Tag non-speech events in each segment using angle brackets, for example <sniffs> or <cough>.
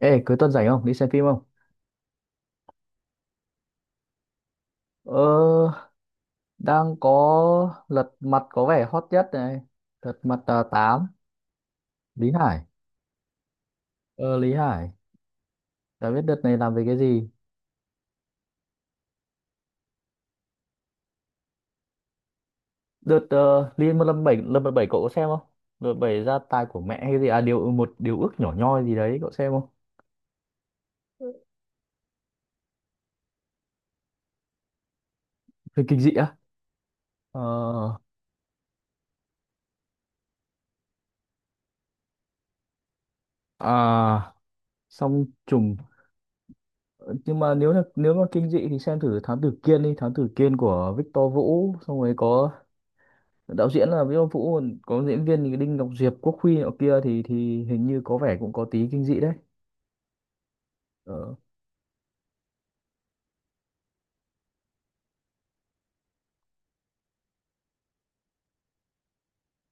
Ê, cuối tuần rảnh không? Đi xem phim không? Ờ, đang có Lật Mặt có vẻ hot nhất này. Lật Mặt 8, Lý Hải. Ờ, Lý Hải. Đã biết đợt này làm về cái gì? Đợt Liên Lâm bảy cậu có xem không? Đợt bảy gia tài của mẹ hay gì? À, một điều ước nhỏ nhoi gì đấy, cậu xem không? Phim kinh dị á? Ờ, à, xong trùng. Nhưng mà nếu mà kinh dị thì xem thử Thám Tử Kiên đi. Thám Tử Kiên của Victor Vũ. Xong rồi có đạo diễn là Viết Ông Vũ, còn có diễn viên thì Đinh Ngọc Diệp, Quốc Huy nọ kia, thì hình như có vẻ cũng có tí kinh dị đấy. ờ,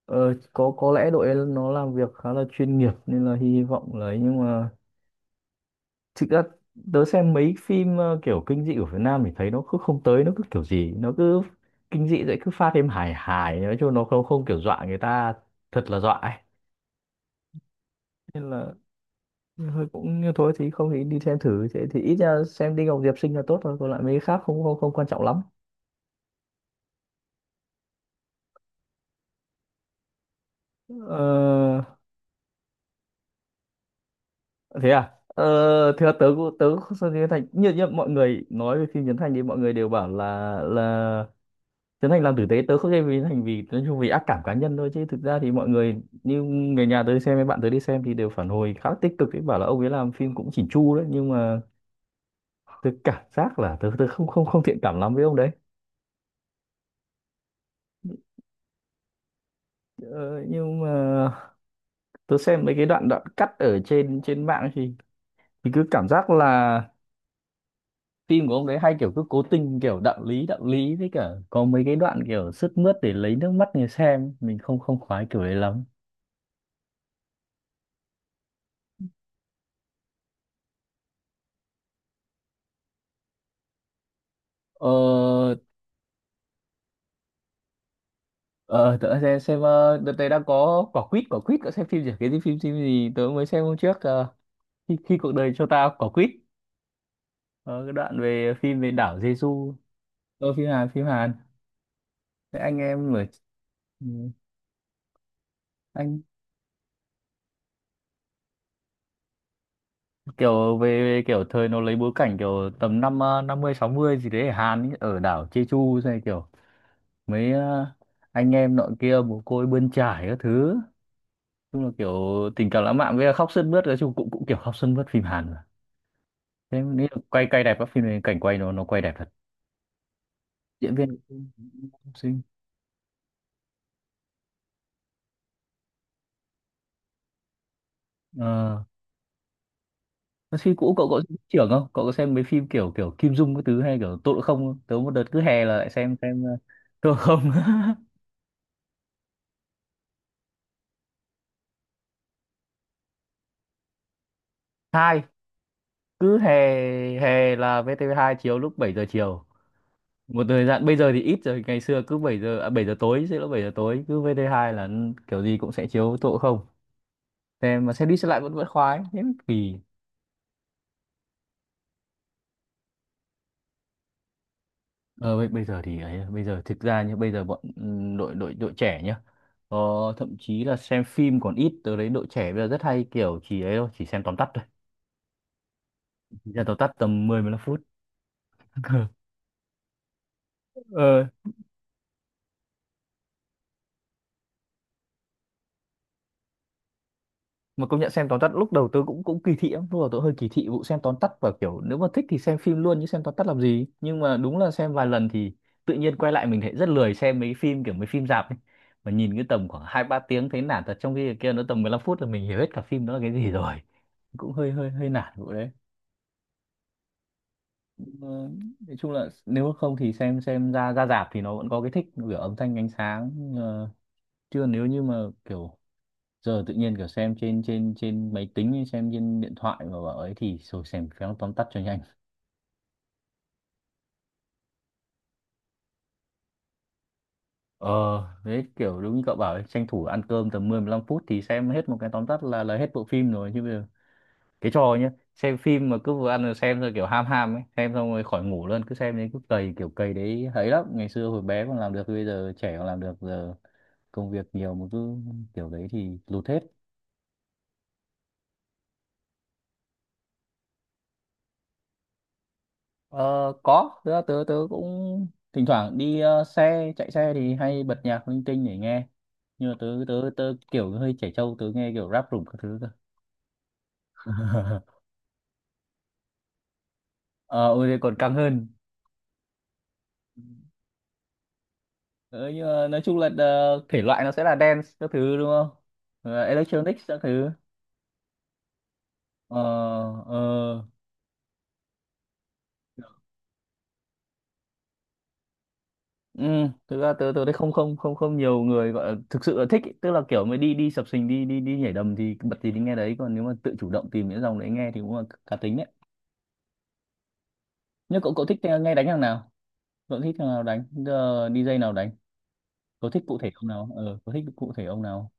ờ, có lẽ đội ấy nó làm việc khá là chuyên nghiệp nên là hy vọng là ấy, nhưng mà thực ra tớ xem mấy phim kiểu kinh dị của Việt Nam thì thấy nó cứ không tới, nó cứ kiểu gì nó cứ kinh dị vậy cứ pha thêm hài hài, nói chung nó không không kiểu dọa người ta thật là dọa ấy. Nên là thôi, cũng như thôi thì không thì đi xem thử, thế thì ít ra xem Đinh Ngọc Diệp xinh là tốt thôi, còn lại mấy cái khác không không không quan trọng lắm. Ờ, thế à, thế là tớ cũng không xem phim Trấn Thành, như mọi người nói về phim Trấn Thành thì mọi người đều bảo là Trấn Thành làm tử tế. Tớ không xem phim Trấn Thành vì nói chung vì ác cảm cá nhân thôi, chứ thực ra thì mọi người như người nhà tớ đi xem, với bạn tớ đi xem thì đều phản hồi khá là tích cực ấy, bảo là ông ấy làm phim cũng chỉn chu đấy, nhưng mà tớ cảm giác là tớ tớ không không không thiện cảm lắm với ông đấy. Ờ, nhưng mà tớ xem mấy cái đoạn đoạn cắt ở trên trên mạng thì cứ cảm giác là phim của ông đấy hay kiểu cứ cố tình kiểu đạo lý đạo lý, với cả có mấy cái đoạn kiểu sướt mướt để lấy nước mắt người xem, mình không không khoái kiểu đấy lắm. ờ ờ Tớ xem đợt này đang có quả quýt cậu xem phim gì, cái gì, phim phim gì tớ mới xem hôm trước khi cuộc đời cho ta quả quýt. Ờ, cái đoạn về phim về đảo Jeju. Phim Hàn, phim Hàn. Thế anh em ở. Ừ. Anh kiểu về kiểu thời nó lấy bối cảnh kiểu tầm năm 50 60 gì đấy ở Hàn ý, ở đảo Jeju này, kiểu mấy anh em nọ kia mồ côi bươn chải các thứ, chung là kiểu tình cảm lãng mạn với là khóc sướt mướt, nói chung cũng cũng kiểu khóc sướt mướt, phim Hàn mà. Thế mình nghĩ là quay quay đẹp, các phim này cảnh quay nó quay đẹp thật, diễn viên cũng xinh. ờ Thế phim cũ cậu có trưởng không, cậu có xem mấy phim kiểu kiểu Kim Dung, cái thứ hay kiểu tội không không? Tớ một đợt cứ hè là lại xem tội không. <laughs> Hai, cứ hè hè là VTV2 chiếu lúc 7 giờ chiều một thời gian, bây giờ thì ít rồi. Ngày xưa cứ 7 giờ à, 7 giờ tối, sẽ là 7 giờ tối cứ vt hai là kiểu gì cũng sẽ chiếu tội không, xem mà xem đi xem lại vẫn vẫn khoái thế mới kỳ. Ờ bây giờ thì ấy à, bây giờ thực ra như bây giờ bọn đội đội đội trẻ nhá, ờ, thậm chí là xem phim còn ít tới đấy. Đội trẻ bây giờ rất hay kiểu chỉ ấy thôi, chỉ xem tóm tắt thôi, chỉ xem tóm tắt tầm mười, mười lăm phút. <laughs> ờ mà công nhận xem tóm tắt lúc đầu tớ cũng cũng kỳ thị lắm, lúc đầu tớ hơi kỳ thị vụ xem tóm tắt, và kiểu nếu mà thích thì xem phim luôn chứ xem tóm tắt làm gì, nhưng mà đúng là xem vài lần thì tự nhiên quay lại mình thấy rất lười xem mấy phim kiểu mấy phim rạp ấy, mà nhìn cái tầm khoảng hai ba tiếng thấy nản thật, trong khi cái kia nó tầm 15 phút là mình hiểu hết cả phim đó là cái gì rồi. Cũng hơi hơi hơi nản vụ đấy. Ờ, nói chung là nếu không thì xem ra ra rạp thì nó vẫn có cái thích kiểu âm thanh ánh sáng, ờ, chưa nếu như mà kiểu giờ tự nhiên kiểu xem trên trên trên máy tính hay xem trên điện thoại mà bảo ấy thì rồi xem phéo tóm tắt cho nhanh. ờ Đấy kiểu đúng như cậu bảo ấy, tranh thủ ăn cơm tầm mười, mười lăm phút thì xem hết một cái tóm tắt là hết bộ phim rồi, chứ bây giờ cái trò nhá, xem phim mà cứ vừa ăn rồi xem rồi kiểu ham ham ấy, xem xong rồi khỏi ngủ luôn, cứ xem đến cứ cày kiểu cày đấy hay lắm, ngày xưa hồi bé còn làm được, bây giờ trẻ còn làm được, giờ công việc nhiều mà cứ kiểu đấy thì lụt hết. Ờ, có, tớ cũng thỉnh thoảng đi chạy xe thì hay bật nhạc linh tinh để nghe. Nhưng mà tớ kiểu hơi trẻ trâu, tớ nghe kiểu rap rủng các thứ cơ. <laughs> Ờ, ôi thế còn căng hơn. Ờ, nhưng mà nói chung là thể loại nó sẽ là dance các thứ đúng không? Ờ, electronics các thứ. Ờ, ờ. Ừ, thực ra tớ đây không không không không nhiều người gọi là thực sự là thích ý, tức là kiểu mới đi đi sập sình đi đi đi nhảy đầm thì bật gì thì nghe đấy, còn nếu mà tự chủ động tìm những dòng đấy nghe thì cũng là cá tính đấy. Nhưng cậu cậu thích nghe đánh thằng nào? Cậu thích thằng nào đánh? Ờ, DJ nào đánh? Cậu thích cụ thể ông nào? Ờ, cậu thích cụ thể ông nào?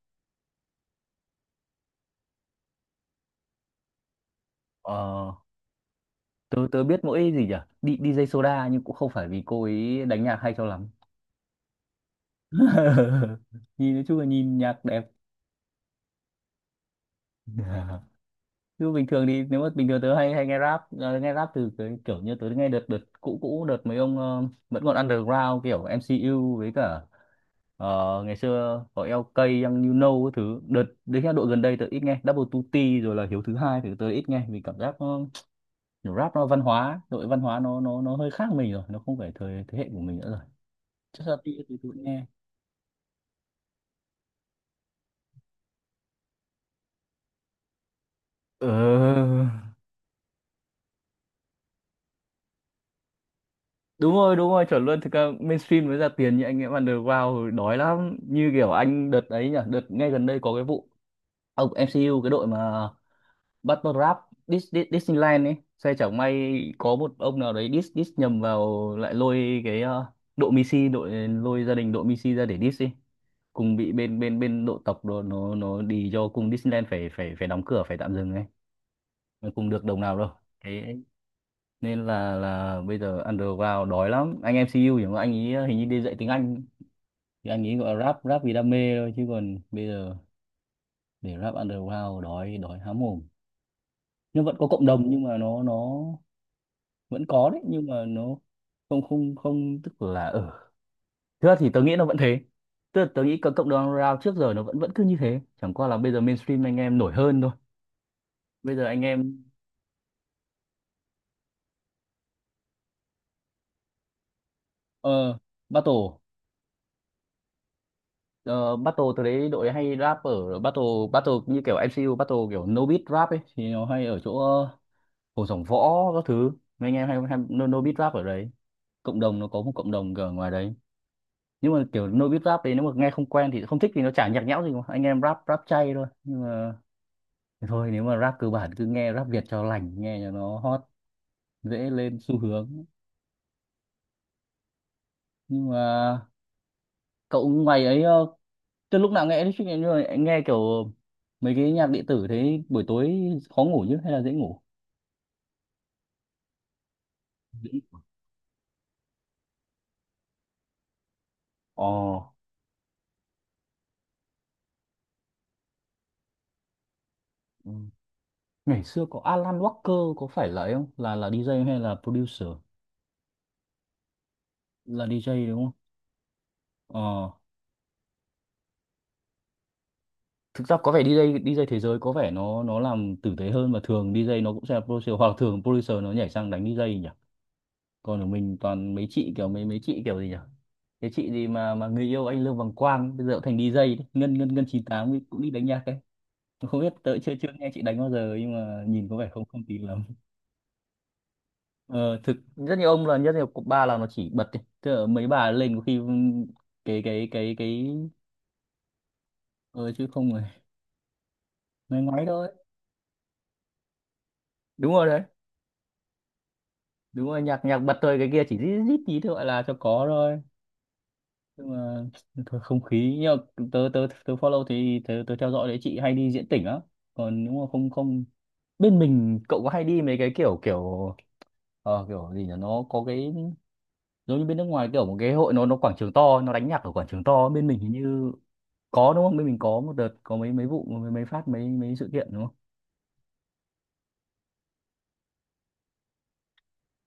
Ờ, tớ tớ biết mỗi gì nhỉ? Đi đi dây Soda, nhưng cũng không phải vì cô ấy đánh nhạc hay cho lắm. <laughs> Nhìn nói chung là nhìn nhạc đẹp. <laughs> Chứ bình thường thì nếu mà bình thường tớ hay hay nghe rap, nghe rap từ cái kiểu như tớ nghe đợt đợt cũ cũ đợt mấy ông vẫn còn underground kiểu MCU với cả, ngày xưa có LK Young You Know cái thứ, đợt đến là đội gần đây tớ ít nghe Double two t rồi là Hiếu thứ hai thì tớ ít nghe vì cảm giác nó kiểu rap nó văn hóa, đội văn hóa nó hơi khác mình rồi, nó không phải thời thế hệ của mình nữa rồi. Chắc là tớ tớ cũng nghe. Ờ, đúng rồi, đúng rồi, chuẩn luôn. Thực ra mainstream mới ra tiền, như anh em underground rồi đói lắm, như kiểu anh đợt ấy nhỉ, đợt ngay gần đây có cái vụ ông MCU cái đội mà Battle Rap, Dis, Dis, Disneyland ấy xe chẳng may, có một ông nào đấy diss diss nhầm vào lại lôi cái đội Missy, đội lôi gia đình đội Missy ra để diss đi, cùng bị bên bên bên độ tộc đồ nó đi cho cùng Disneyland phải phải phải đóng cửa, phải tạm dừng ấy. Mà cùng được đồng nào đâu cái, nên là bây giờ underground đói lắm, anh em MCU thì mà anh ấy hình như đi dạy tiếng Anh, thì anh ấy gọi là rap rap vì đam mê thôi, chứ còn bây giờ để rap underground đói đói há mồm. Nhưng vẫn có cộng đồng, nhưng mà nó vẫn có đấy, nhưng mà nó không không không tức là ở, thực ra thì tớ nghĩ nó vẫn thế, tức là tớ nghĩ cộng cộng đồng underground trước giờ nó vẫn vẫn cứ như thế, chẳng qua là bây giờ mainstream anh em nổi hơn thôi. Bây giờ anh em ờ battle. Ờ, battle từ đấy đội hay rap ở battle battle như kiểu MCU battle kiểu no beat rap ấy thì nó hay ở chỗ Hồ Sổng Võ các thứ, mấy anh em hay no beat rap ở đấy, cộng đồng nó có một cộng đồng ở ngoài đấy. Nhưng mà kiểu no beat rap đấy nếu mà nghe không quen thì không thích thì nó chả nhạc nhẽo gì mà, anh em rap rap chay thôi, nhưng mà thì thôi, nếu mà rap cơ bản cứ nghe rap Việt cho lành, nghe cho nó hot, dễ lên xu hướng. Nhưng mà cậu ngoài ấy, từ lúc nào nghe electric Emu này, anh nghe kiểu mấy cái nhạc điện tử thế buổi tối khó ngủ chứ hay là dễ ngủ? Dễ. Ờ, ừ. Ngày xưa có Alan Walker có phải là ấy không? Là DJ hay là producer? Là DJ đúng không? Ờ, thực ra có vẻ DJ DJ thế giới có vẻ nó làm tử tế hơn, và thường DJ nó cũng sẽ là producer, hoặc là thường producer nó nhảy sang đánh DJ nhỉ? Còn ở mình toàn mấy chị kiểu mấy mấy chị kiểu gì nhỉ? Cái chị gì mà người yêu anh Lương Bằng Quang bây giờ cũng thành DJ đấy. Ngân Ngân Ngân 98 cũng đi đánh nhạc đấy. Tôi không biết, tớ chưa chưa nghe chị đánh bao giờ nhưng mà nhìn có vẻ không không tin lắm. Ờ, Thực rất nhiều ông là rất nhiều cục ba là nó chỉ bật ấy, tức là mấy bà lên có khi cái ờ, chứ không rồi, nói ngoáy thôi. Đúng rồi đấy, đúng rồi, nhạc nhạc bật thôi, cái kia chỉ rít rít tí thôi gọi là cho có thôi. Nhưng mà <sniffs> thôi không khí, nhưng mà tớ tớ tớ follow thì tớ tớ theo dõi đấy, chị hay đi diễn tỉnh á. Còn nếu mà không không bên mình cậu có hay đi mấy cái kiểu kiểu kiểu gì nhỉ, nó có cái giống như bên nước ngoài kiểu một cái hội nó quảng trường to, nó đánh nhạc ở quảng trường to, bên mình hình như có đúng không, bên mình có một đợt có mấy mấy vụ mấy phát mấy mấy sự kiện đúng không.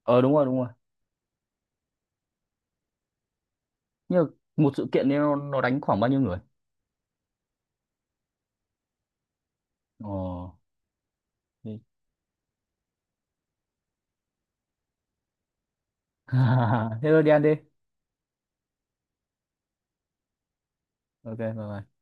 Ờ Đúng rồi, đúng rồi. Nhưng mà một sự kiện ấy nó đánh khoảng bao nhiêu người? ờ Thế, <laughs> thế thôi đi ăn đi. Ok, bye bye.